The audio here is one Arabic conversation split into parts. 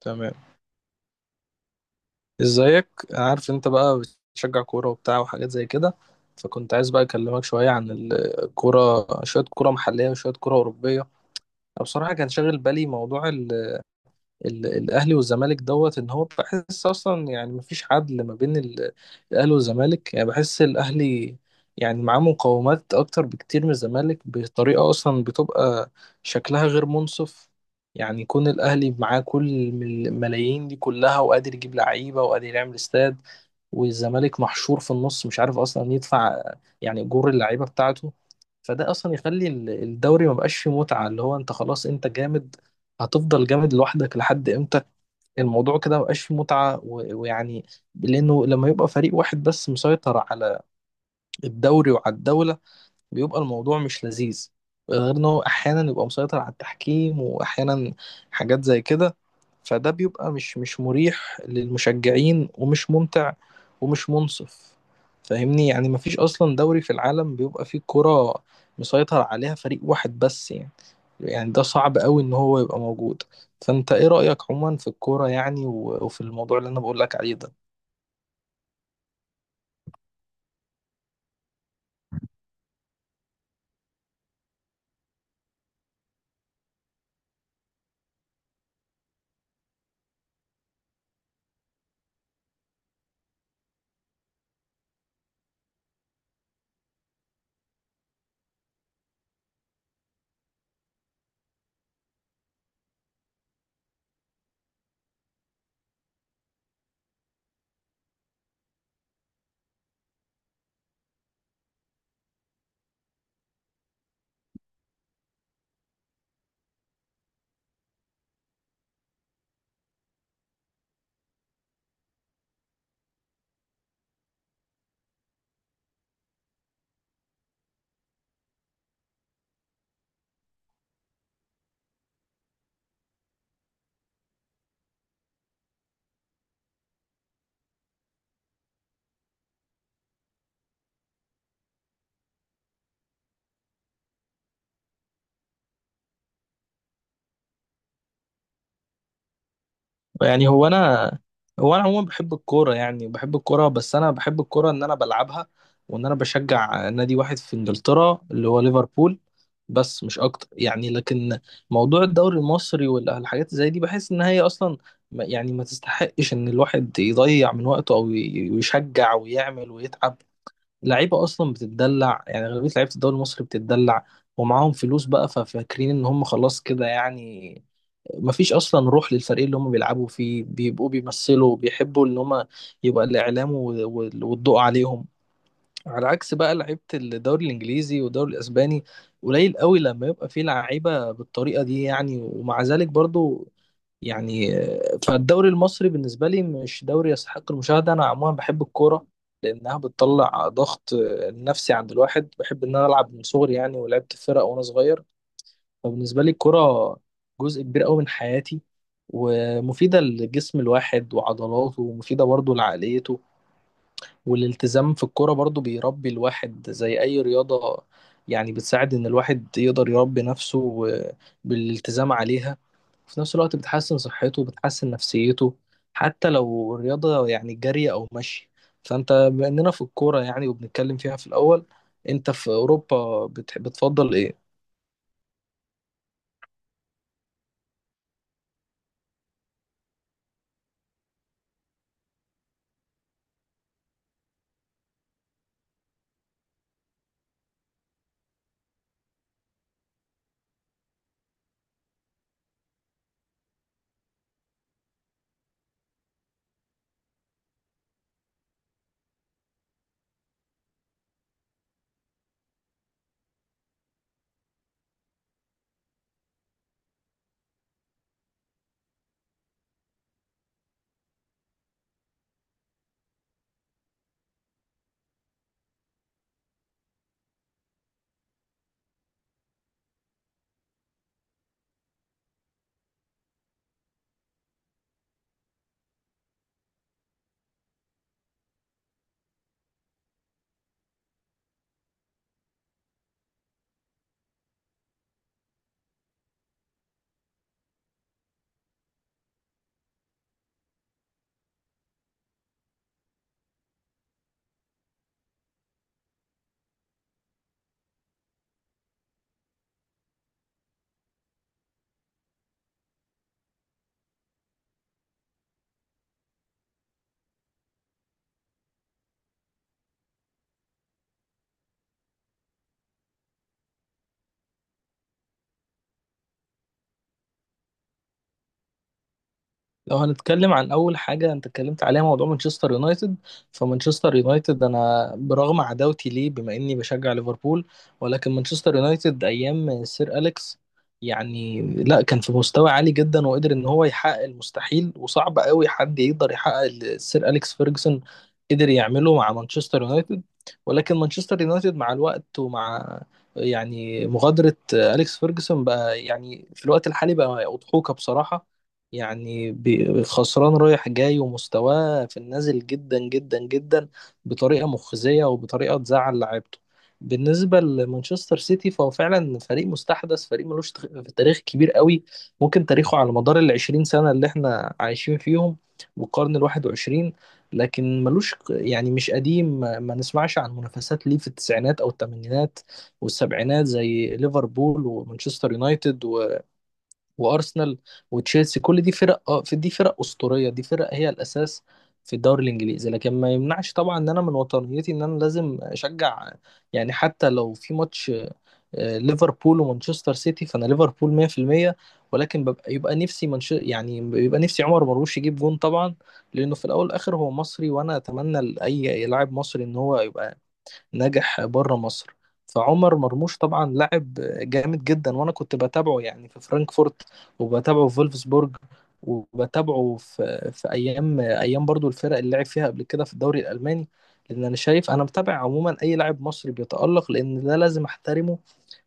تمام. ازيك؟ أنا عارف انت بقى بتشجع كورة وبتاع وحاجات زي كده. فكنت عايز بقى اكلمك شوية عن الكورة، شوية كورة محلية وشوية كورة أوروبية. أنا بصراحة كان شاغل بالي موضوع الاهلي والزمالك دوت ان هو بحس اصلا، يعني مفيش عدل ما بين الاهلي والزمالك. يعني بحس الاهلي يعني معاه مقومات اكتر بكتير من الزمالك بطريقه اصلا بتبقى شكلها غير منصف. يعني يكون الاهلي معاه كل الملايين دي كلها، وقادر يجيب لعيبه وقادر يعمل استاد، والزمالك محشور في النص مش عارف اصلا يدفع يعني اجور اللعيبه بتاعته. فده اصلا يخلي الدوري مبقاش فيه متعه، اللي هو انت خلاص، انت جامد هتفضل جامد لوحدك لحد امتى؟ الموضوع كده مبقاش فيه متعة ويعني، لأنه لما يبقى فريق واحد بس مسيطر على الدوري وعلى الدولة، بيبقى الموضوع مش لذيذ. غير ان هو احيانا يبقى مسيطر على التحكيم، واحيانا حاجات زي كده. فده بيبقى مش مريح للمشجعين، ومش ممتع ومش منصف. فاهمني؟ يعني مفيش اصلا دوري في العالم بيبقى فيه كرة مسيطر عليها فريق واحد بس يعني. يعني ده صعب قوي ان هو يبقى موجود. فانت ايه رأيك عموما في الكورة يعني وفي الموضوع اللي انا بقول لك عليه ده؟ يعني هو انا عموما بحب الكوره، يعني بحب الكوره، بس انا بحب الكوره ان انا بلعبها، وان انا بشجع نادي واحد في انجلترا اللي هو ليفربول، بس مش اكتر يعني. لكن موضوع الدوري المصري والحاجات زي دي بحس ان هي اصلا يعني ما تستحقش ان الواحد يضيع من وقته او يشجع ويعمل ويتعب. لعيبه اصلا بتتدلع، يعني غالبيه لعيبه الدوري المصري بتتدلع ومعاهم فلوس بقى، ففاكرين ان هم خلاص كده يعني. مفيش اصلا روح للفريق اللي هم بيلعبوا فيه، بيبقوا بيمثلوا، بيحبوا ان هم يبقى الاعلام والضوء عليهم. على عكس بقى لعيبه الدوري الانجليزي والدوري الاسباني، قليل قوي لما يبقى فيه لعيبه بالطريقه دي يعني. ومع ذلك برضو يعني فالدوري المصري بالنسبه لي مش دوري يستحق المشاهده. انا عموما بحب الكوره لانها بتطلع ضغط نفسي عند الواحد. بحب ان انا العب من صغري يعني، ولعبت في فرق وانا صغير. فبالنسبة لي الكرة جزء كبير قوي من حياتي، ومفيدة لجسم الواحد وعضلاته، ومفيدة برضه لعقليته. والالتزام في الكرة برضه بيربي الواحد زي أي رياضة. يعني بتساعد إن الواحد يقدر يربي نفسه بالالتزام عليها، وفي نفس الوقت بتحسن صحته وبتحسن نفسيته، حتى لو الرياضة يعني جري أو مشي. فأنت بما إننا في الكورة يعني وبنتكلم فيها في الأول، أنت في أوروبا بتفضل إيه؟ لو هنتكلم عن اول حاجه انت اتكلمت عليها موضوع مانشستر يونايتد، فمانشستر يونايتد انا برغم عداوتي ليه بما اني بشجع ليفربول، ولكن مانشستر يونايتد ايام سير اليكس، يعني لا، كان في مستوى عالي جدا وقدر ان هو يحقق المستحيل. وصعب قوي حد يقدر يحقق اللي سير اليكس فيرجسون قدر يعمله مع مانشستر يونايتد. ولكن مانشستر يونايتد مع الوقت، ومع يعني مغادرة أليكس فيرجسون بقى، يعني في الوقت الحالي بقى أضحوكة بصراحة. يعني خسران رايح جاي، ومستواه في النازل جدا جدا جدا، بطريقة مخزية وبطريقة تزعل لعيبته. بالنسبة لمانشستر سيتي، فهو فعلا فريق مستحدث، فريق ملوش تاريخ كبير قوي. ممكن تاريخه على مدار ال20 سنة اللي احنا عايشين فيهم والقرن الواحد وعشرين، لكن ملوش يعني مش قديم. ما نسمعش عن منافسات ليه في التسعينات أو الثمانينات والسبعينات زي ليفربول ومانشستر يونايتد وارسنال وتشيلسي. كل دي فرق، اه في دي فرق اسطوريه، دي فرق هي الاساس في الدوري الانجليزي. لكن ما يمنعش طبعا ان انا من وطنيتي ان انا لازم اشجع، يعني حتى لو في ماتش ليفربول ومانشستر سيتي، فانا ليفربول 100%. ولكن يبقى نفسي يعني يبقى نفسي عمر مرموش يجيب جون طبعا، لانه في الاول والاخر هو مصري، وانا اتمنى لاي لاعب مصري ان هو يبقى ناجح بره مصر. فعمر مرموش طبعا لاعب جامد جدا، وانا كنت بتابعه يعني في فرانكفورت، وبتابعه في فولفسبورج، وبتابعه في ايام برضو الفرق اللي لعب فيها قبل كده في الدوري الالماني. لان انا شايف، انا متابع عموما اي لاعب مصري بيتالق، لان ده لازم احترمه،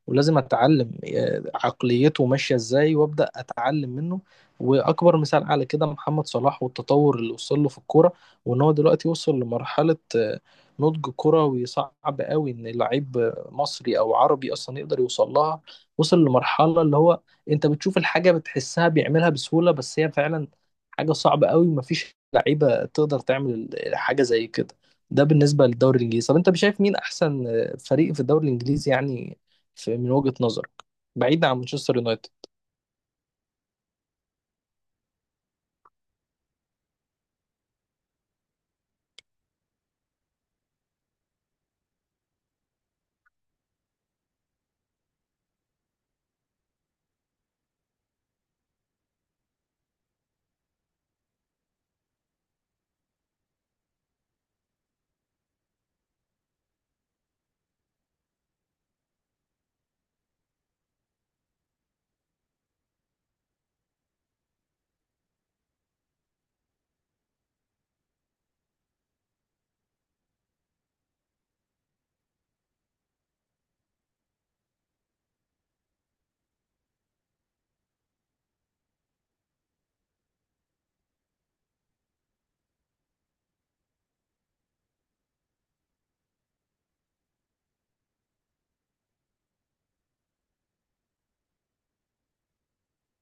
ولازم اتعلم عقليته ماشيه ازاي، وابدا اتعلم منه. واكبر مثال على كده محمد صلاح والتطور اللي وصل له في الكوره، وان هو دلوقتي وصل لمرحله نضج كروي صعب قوي ان لعيب مصري او عربي اصلا يقدر يوصل لها. وصل لمرحله اللي هو انت بتشوف الحاجه بتحسها بيعملها بسهوله، بس هي فعلا حاجه صعبه قوي، ومفيش لعيبه تقدر تعمل حاجه زي كده. ده بالنسبه للدوري الانجليزي. طب انت شايف مين احسن فريق في الدوري الانجليزي يعني، في من وجهة نظرك، بعيد عن مانشستر يونايتد؟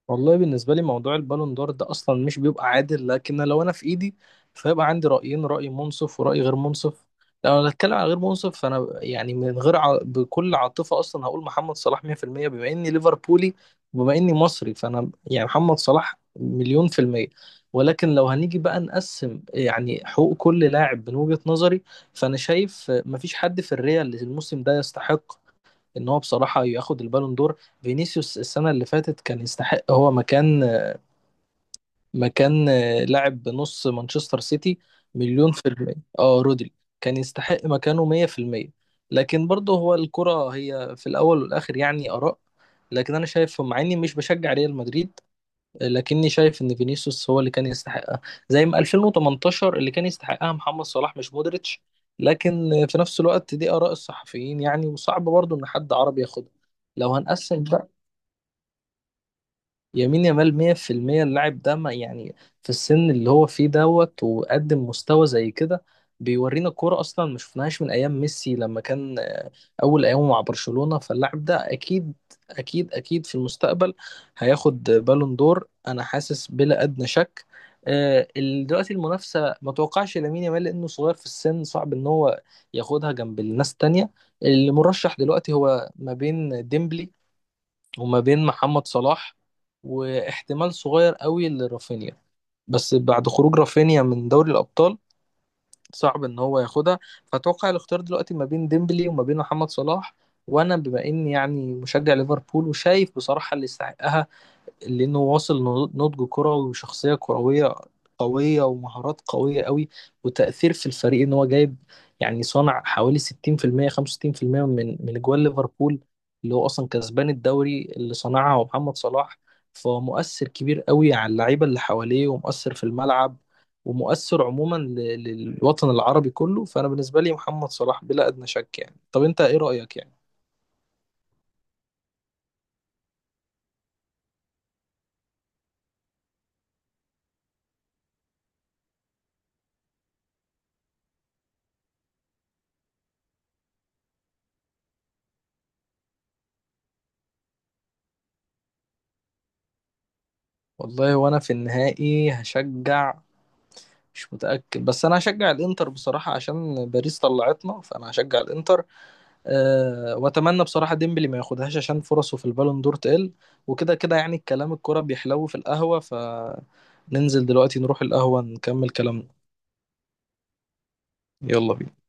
والله بالنسبة لي موضوع البالون دور ده أصلا مش بيبقى عادل، لكن لو أنا في إيدي، فيبقى عندي رأيين، رأي منصف ورأي غير منصف. لو أنا هتكلم عن غير منصف، فأنا يعني من غير بكل عاطفة أصلا هقول محمد صلاح 100%، بما إني ليفربولي وبما إني مصري، فأنا يعني محمد صلاح مليون في المية. ولكن لو هنيجي بقى نقسم يعني حقوق كل لاعب من وجهة نظري، فأنا شايف مفيش حد في الريال الموسم ده يستحق ان هو بصراحه ياخد البالون دور. فينيسيوس السنه اللي فاتت كان يستحق، هو مكان مكان لاعب نص مانشستر سيتي، مليون في المية، اه رودري، كان يستحق مكانه 100%. لكن برضه هو الكرة هي في الأول والآخر يعني آراء. لكن أنا شايف، مع إني مش بشجع ريال مدريد، لكني شايف ان فينيسيوس هو اللي كان يستحقها، زي ما 2018 اللي كان يستحقها محمد صلاح مش مودريتش. لكن في نفس الوقت دي آراء الصحفيين يعني، وصعب برضو ان حد عربي ياخدها. لو هنقسم بقى، يمين يامال 100%. اللاعب ده، ما يعني في السن اللي هو فيه دوت وقدم مستوى زي كده، بيورينا كورة أصلا ما شفناهاش من أيام ميسي لما كان أول أيامه مع برشلونة. فاللاعب ده أكيد أكيد أكيد في المستقبل هياخد بالون دور، أنا حاسس بلا أدنى شك. دلوقتي المنافسة ما توقعش لامين يامال لأنه صغير في السن، صعب إن هو ياخدها جنب الناس التانية. المرشح دلوقتي هو ما بين ديمبلي وما بين محمد صلاح، واحتمال صغير قوي لرافينيا، بس بعد خروج رافينيا من دوري الأبطال صعب ان هو ياخدها. فاتوقع الاختيار دلوقتي ما بين ديمبلي وما بين محمد صلاح. وانا بما اني يعني مشجع ليفربول وشايف بصراحة اللي يستحقها، لأنه واصل نضج كروي وشخصية كروية قوية ومهارات قوية قوي، وتأثير في الفريق إن هو جايب، يعني صنع حوالي 60% 65% من أجوال ليفربول. اللي هو أصلا كسبان الدوري اللي صنعها هو محمد صلاح. فهو مؤثر كبير قوي على اللعيبة اللي حواليه، ومؤثر في الملعب، ومؤثر عموما للوطن العربي كله. فأنا بالنسبة لي محمد صلاح بلا أدنى شك يعني. طب أنت إيه رأيك يعني؟ والله وأنا في النهائي هشجع، مش متأكد، بس انا هشجع الانتر بصراحة، عشان باريس طلعتنا فانا هشجع الانتر. أه، واتمنى بصراحة ديمبلي ما ياخدهاش عشان فرصه في البالون دور تقل. وكده كده يعني الكلام الكرة بيحلو في القهوة، فننزل دلوقتي نروح القهوة نكمل كلامنا. يلا بينا.